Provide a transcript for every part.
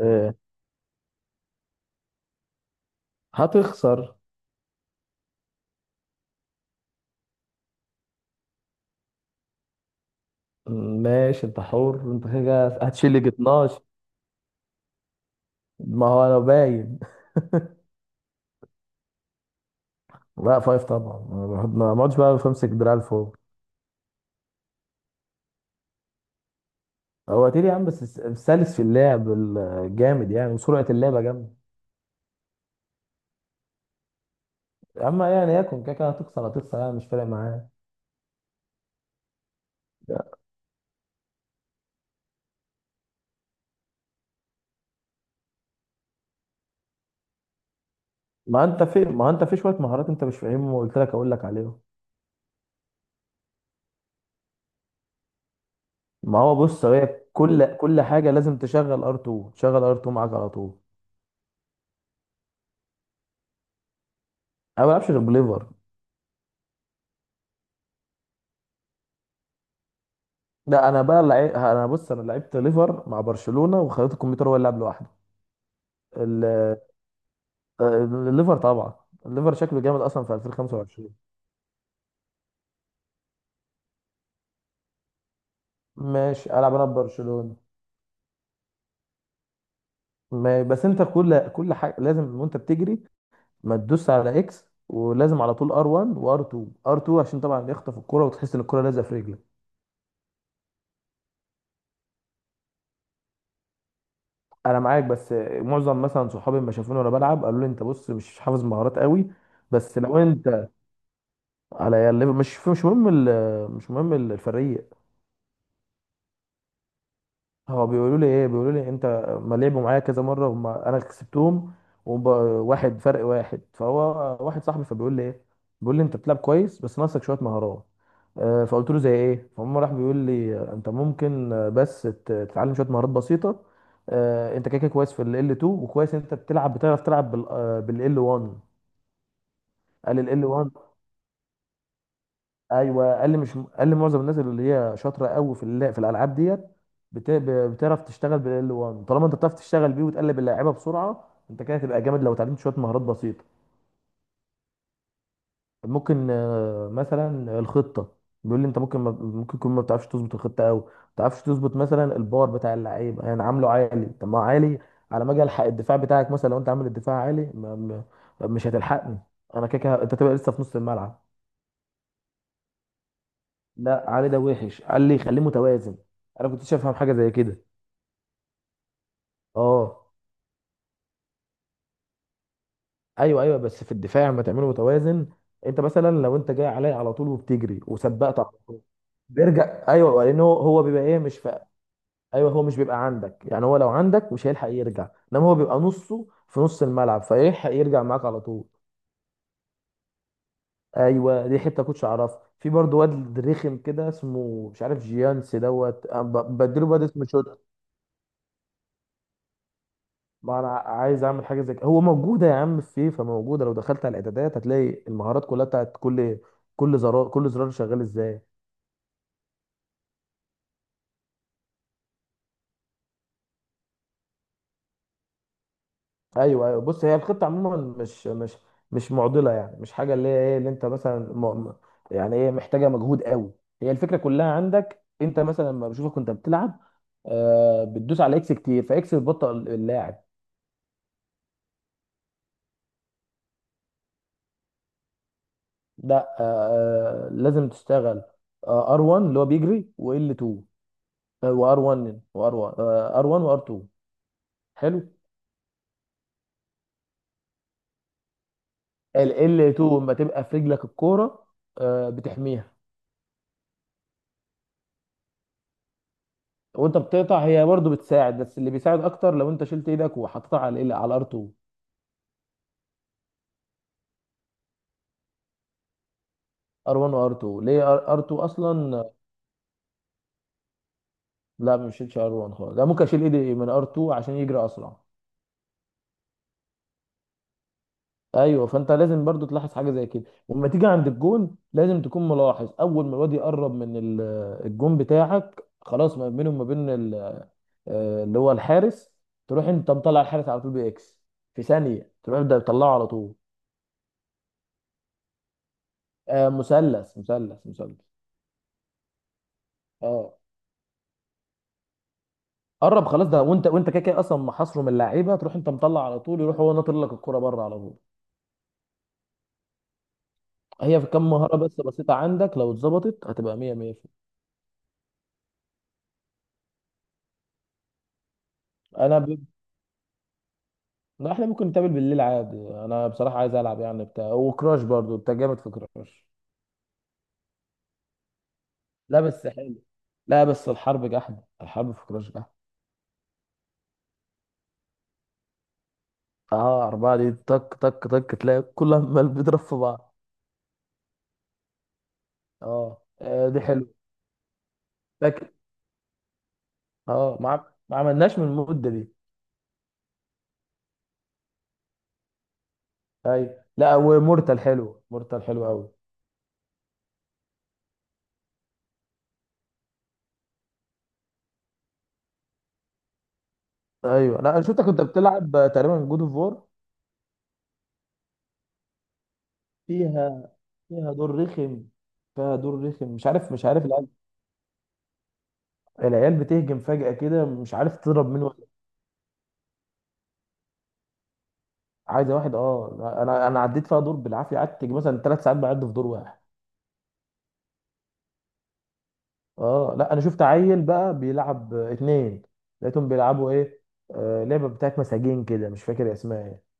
آه، هتخسر. ماشي، انت حر، انت كده هتشيل لي 12. ما هو انا باين. لا، فايف طبعا. ما اقعدش بقى بمسك دراع لفوق. هو تيري يا عم، بس سلس في اللعب. الجامد يعني، وسرعه اللعبه جامده. اما يعني يكون كده كده هتخسر هتخسر، يعني مش فارق معاه. ما انت في شويه مهارات انت مش فاهمهم، وقلت لك اقول لك عليهم. ما هو بص، هي كل حاجه لازم تشغل ار2 معاك على طول. انا ما بلعبش غير بليفر. لا، انا بص انا لعبت ليفر مع برشلونة، وخليت الكمبيوتر هو اللي لعب لوحده. ال- الليفر طبعا. الليفر شكله جامد اصلا في 2025. ماشي، العب انا ببرشلونة. ما... بس انت كل حاجة لازم وانت بتجري. ما تدوس على اكس، ولازم على طول ار1 وار2. ار2 عشان طبعا يخطف الكرة، وتحس ان الكرة لازقة في رجلك. انا معاك بس. معظم مثلا صحابي لما شافوني وانا بلعب قالوا لي: انت بص مش حافظ مهارات قوي. بس لو انت، على الليفر مش مهم. مش مهم الفريق. هو بيقولوا لي انت. ما لعبوا معايا كذا مره، وما انا كسبتهم. وواحد فرق واحد فهو، واحد صاحبي فبيقول لي ايه. بيقول لي: انت بتلعب كويس بس ناقصك شويه مهارات. فقلت له زي ايه؟ فهم راح بيقول لي: انت ممكن، بس تتعلم شويه مهارات بسيطه. انت كده كده كويس في ال L2، وكويس انت بتلعب بتعرف تلعب بال L1. قال ال L1. ايوه قال لي، مش قال لي، معظم الناس اللي هي شاطره قوي في الالعاب ديت بتعرف تشتغل بال 1. طالما انت بتعرف تشتغل بيه وتقلب اللعيبه بسرعه، انت كده هتبقى جامد لو اتعلمت شويه مهارات بسيطه. ممكن مثلا الخطه. بيقول لي انت ممكن، ما... ممكن تكون ما بتعرفش تظبط الخطه قوي، ما بتعرفش تظبط مثلا البار بتاع اللعيبه، يعني عامله عالي. طب ما هو عالي. على ما اجي الحق الدفاع بتاعك. مثلا لو انت عامل الدفاع عالي، ما... ما... مش هتلحقني. انا كده كده انت تبقى لسه في نص الملعب. لا، علي ده وحش. قال لي خليه متوازن. انا كنتش افهم حاجه زي كده. اه، ايوه ايوه، بس في الدفاع ما تعمله متوازن. انت مثلا لو انت جاي عليا على طول وبتجري وسبقت على طول، بيرجع، ايوه، لان هو بيبقى ايه مش. ايوه، هو مش بيبقى عندك يعني. هو لو عندك مش هيلحق يرجع، انما هو بيبقى نصه في نص الملعب، فيلحق يرجع معاك على طول. ايوه، دي حته كنتش اعرفها. في برضه واد رخم كده اسمه مش عارف جيانس دوت، أنا بديله بقى اسمه شوت. ما انا عايز اعمل حاجه زي كده، هو موجوده يا عم. في فيفا موجوده، لو دخلت على الاعدادات هتلاقي المهارات كلها بتاعت كل، كل زرار شغال ازاي. ايوه ايوه، بص هي الخطه عموما مش معضله يعني، مش حاجه اللي هي ايه اللي انت مثلا يعني ايه، محتاجه مجهود قوي. هي الفكره كلها عندك انت. مثلا لما بشوفك وانت بتلعب بتدوس على اكس كتير، فاكس بتبطئ اللاعب. ده. لازم تشتغل ار 1 اللي هو بيجري، وال 2. وار 1، ار 1 وار 2. حلو. ال L2 لما تبقى في رجلك الكوره بتحميها. وانت بتقطع هي برضو بتساعد، بس اللي بيساعد اكتر لو انت شلت ايدك وحطيتها على R2. R1 و R2. ليه R2 اصلا. لا، ما شيلش R1 خالص. لا، ممكن اشيل ايدي من R2 عشان يجري اسرع. ايوه، فانت لازم برضو تلاحظ حاجه زي كده. ولما تيجي عند الجون لازم تكون ملاحظ. اول ما الواد يقرب من الجون بتاعك خلاص، ما بينه وما بين اللي هو الحارس، تروح انت مطلع الحارس على طول باكس. في ثانيه تروح ده تطلعه على طول. مثلث مثلث مثلث. اه، قرب خلاص ده، وانت كده كده اصلا محاصره من اللعيبه. تروح انت مطلع على طول، يروح هو ناطر لك الكره بره على طول. هي في كام مهاره بس بسيطه عندك، لو اتظبطت هتبقى 100 100. انا ب... لا، احنا ممكن نتقابل بالليل عادي. انا بصراحه عايز العب يعني بتاع وكراش، برضو انت جامد في كراش. لا بس حلو. لا بس الحرب جحد، الحرب في كراش جحد. اه، أربعة دي طك طك طك، تلاقي كل عمال بيضرب في بعض. اه، دي حلوة. لكن، اه، ما عملناش من المدة دي. ايوه، لا، ومورتال حلو، مورتال حلو قوي. ايوه، لا، انا شفتك كنت بتلعب تقريبا جود اوف وور. فيها فيها دور رخم، فيها دور رخم. مش عارف العيال. العيال بتهجم فجأة كده، مش عارف تضرب مين واحد. عايزه واحد. اه، انا عديت فيها دور بالعافيه، قعدت مثلا ثلاث ساعات بعد في دور واحد. اه لا، انا شفت عيل بقى بيلعب اتنين. لقيتهم بيلعبوا ايه؟ لعبه بتاعت مساجين كده مش فاكر اسمها ايه.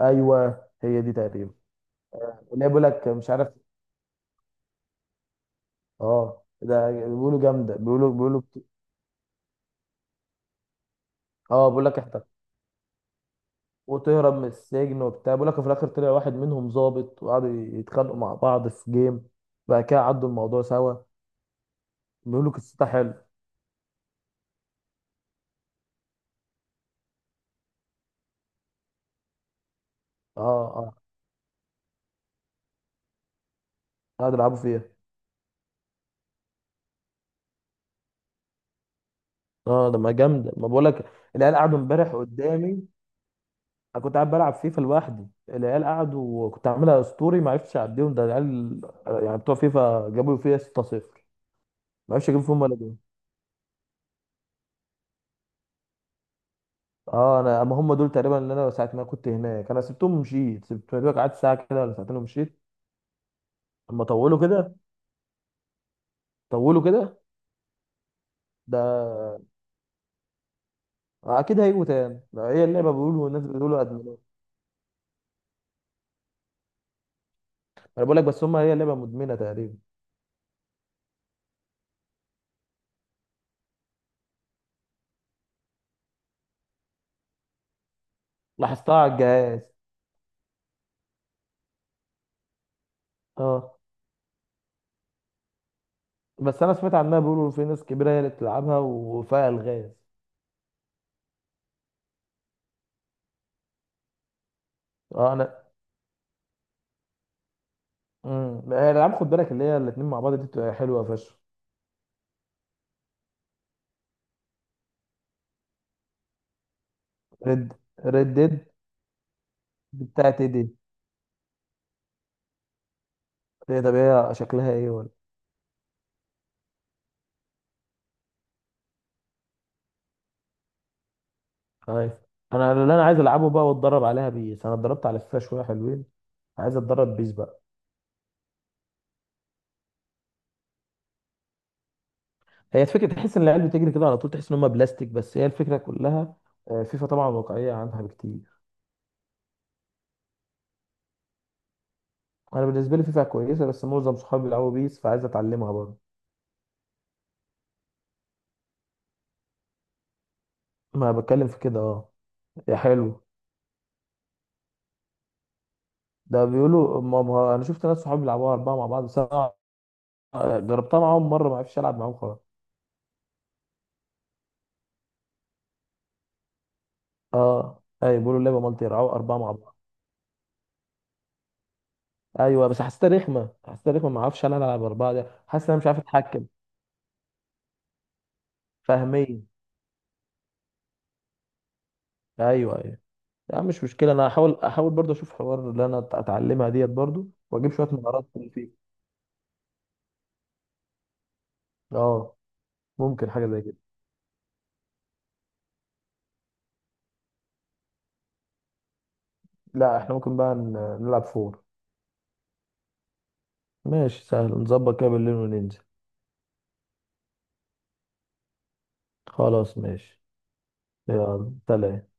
ايوه هي دي تقريبا. اللي هي بيقول لك مش عارف. اه، ده بيقولوا جامده، بيقولوا. اه، بيقول لك احنا وتهرب من السجن وبتاع. بيقول لك في الاخر طلع واحد منهم ظابط، وقعدوا يتخانقوا مع بعض في جيم. بعد كده عدوا الموضوع سوا. بيقولوا قصتها حلو. اه اه، قعدوا يلعبوا فيها. اه، ده ما جامده. ما بقول لك العيال قعدوا امبارح قدامي. انا كنت قاعد بلعب فيفا لوحدي، العيال قعدوا وكنت عاملها اسطوري، ما عرفتش اعديهم ده العيال. يعني بتوع فيفا جابوا فيها 6-0. ما عرفتش اجيب فيهم ولا جول. اه، انا اما هم دول تقريبا اللي انا ساعه ما كنت هناك انا سبتهم ومشيت، سبت دوك قعدت ساعه كده ولا ساعتين ومشيت. اما طولوا كده. طولوا كده. ده، اكيد هيجوا تاني، ده هي اللعبه بيقولوا والناس بيقولوا ادمنوا. انا بقول لك، بس هم، هي لعبه مدمنه تقريبا. لاحظتها على الجهاز. اه، بس انا سمعت عنها بيقولوا في ناس كبيره هي اللي بتلعبها، وفيها الغاز. اه، انا الالعاب خد بالك اللي هي الاثنين مع بعض دي بتبقى حلوه فشخ. ريد ريد ديد بتاعت ايه دي؟ هي طب هي شكلها ايه ولا، خايف. انا اللي انا عايز العبه بقى واتدرب عليها بيس، انا اتدربت على فيفا شويه حلوين. عايز اتدرب بيس بقى. هي الفكره تحس ان العيال بتجري كده على طول، تحس ان هم بلاستيك، بس هي الفكره كلها. فيفا طبعا واقعيه عنها بكتير. انا بالنسبه لي فيفا كويسه، بس معظم صحابي بيلعبوا بيس فعايز اتعلمها برضه. ما بتكلم في كده اه. يا حلو. ده بيقولوا، انا شفت ناس صحابي بيلعبوها اربعه مع بعض سبعه. جربتها معاهم مره ما عرفتش العب معاهم خالص. اه ايوه، بيقولوا اللعبه مالتي يلعبوا اربعه مع بعض. ايوه، بس حسيتها رخمه، حسيتها رخمه، ما اعرفش انا العب اربعه ده، حاسس ان انا مش عارف اتحكم. فاهميه. ايوه ايوه. لا مش مشكله، انا هحاول، احاول برضه اشوف حوار اللي انا اتعلمها ديت برضه، واجيب شويه مهارات من فيه. اه، ممكن حاجه زي كده. لا احنا ممكن بقى نلعب فور. ماشي، سهل نظبط كده بالليل وننزل. خلاص ماشي. يلا سلام.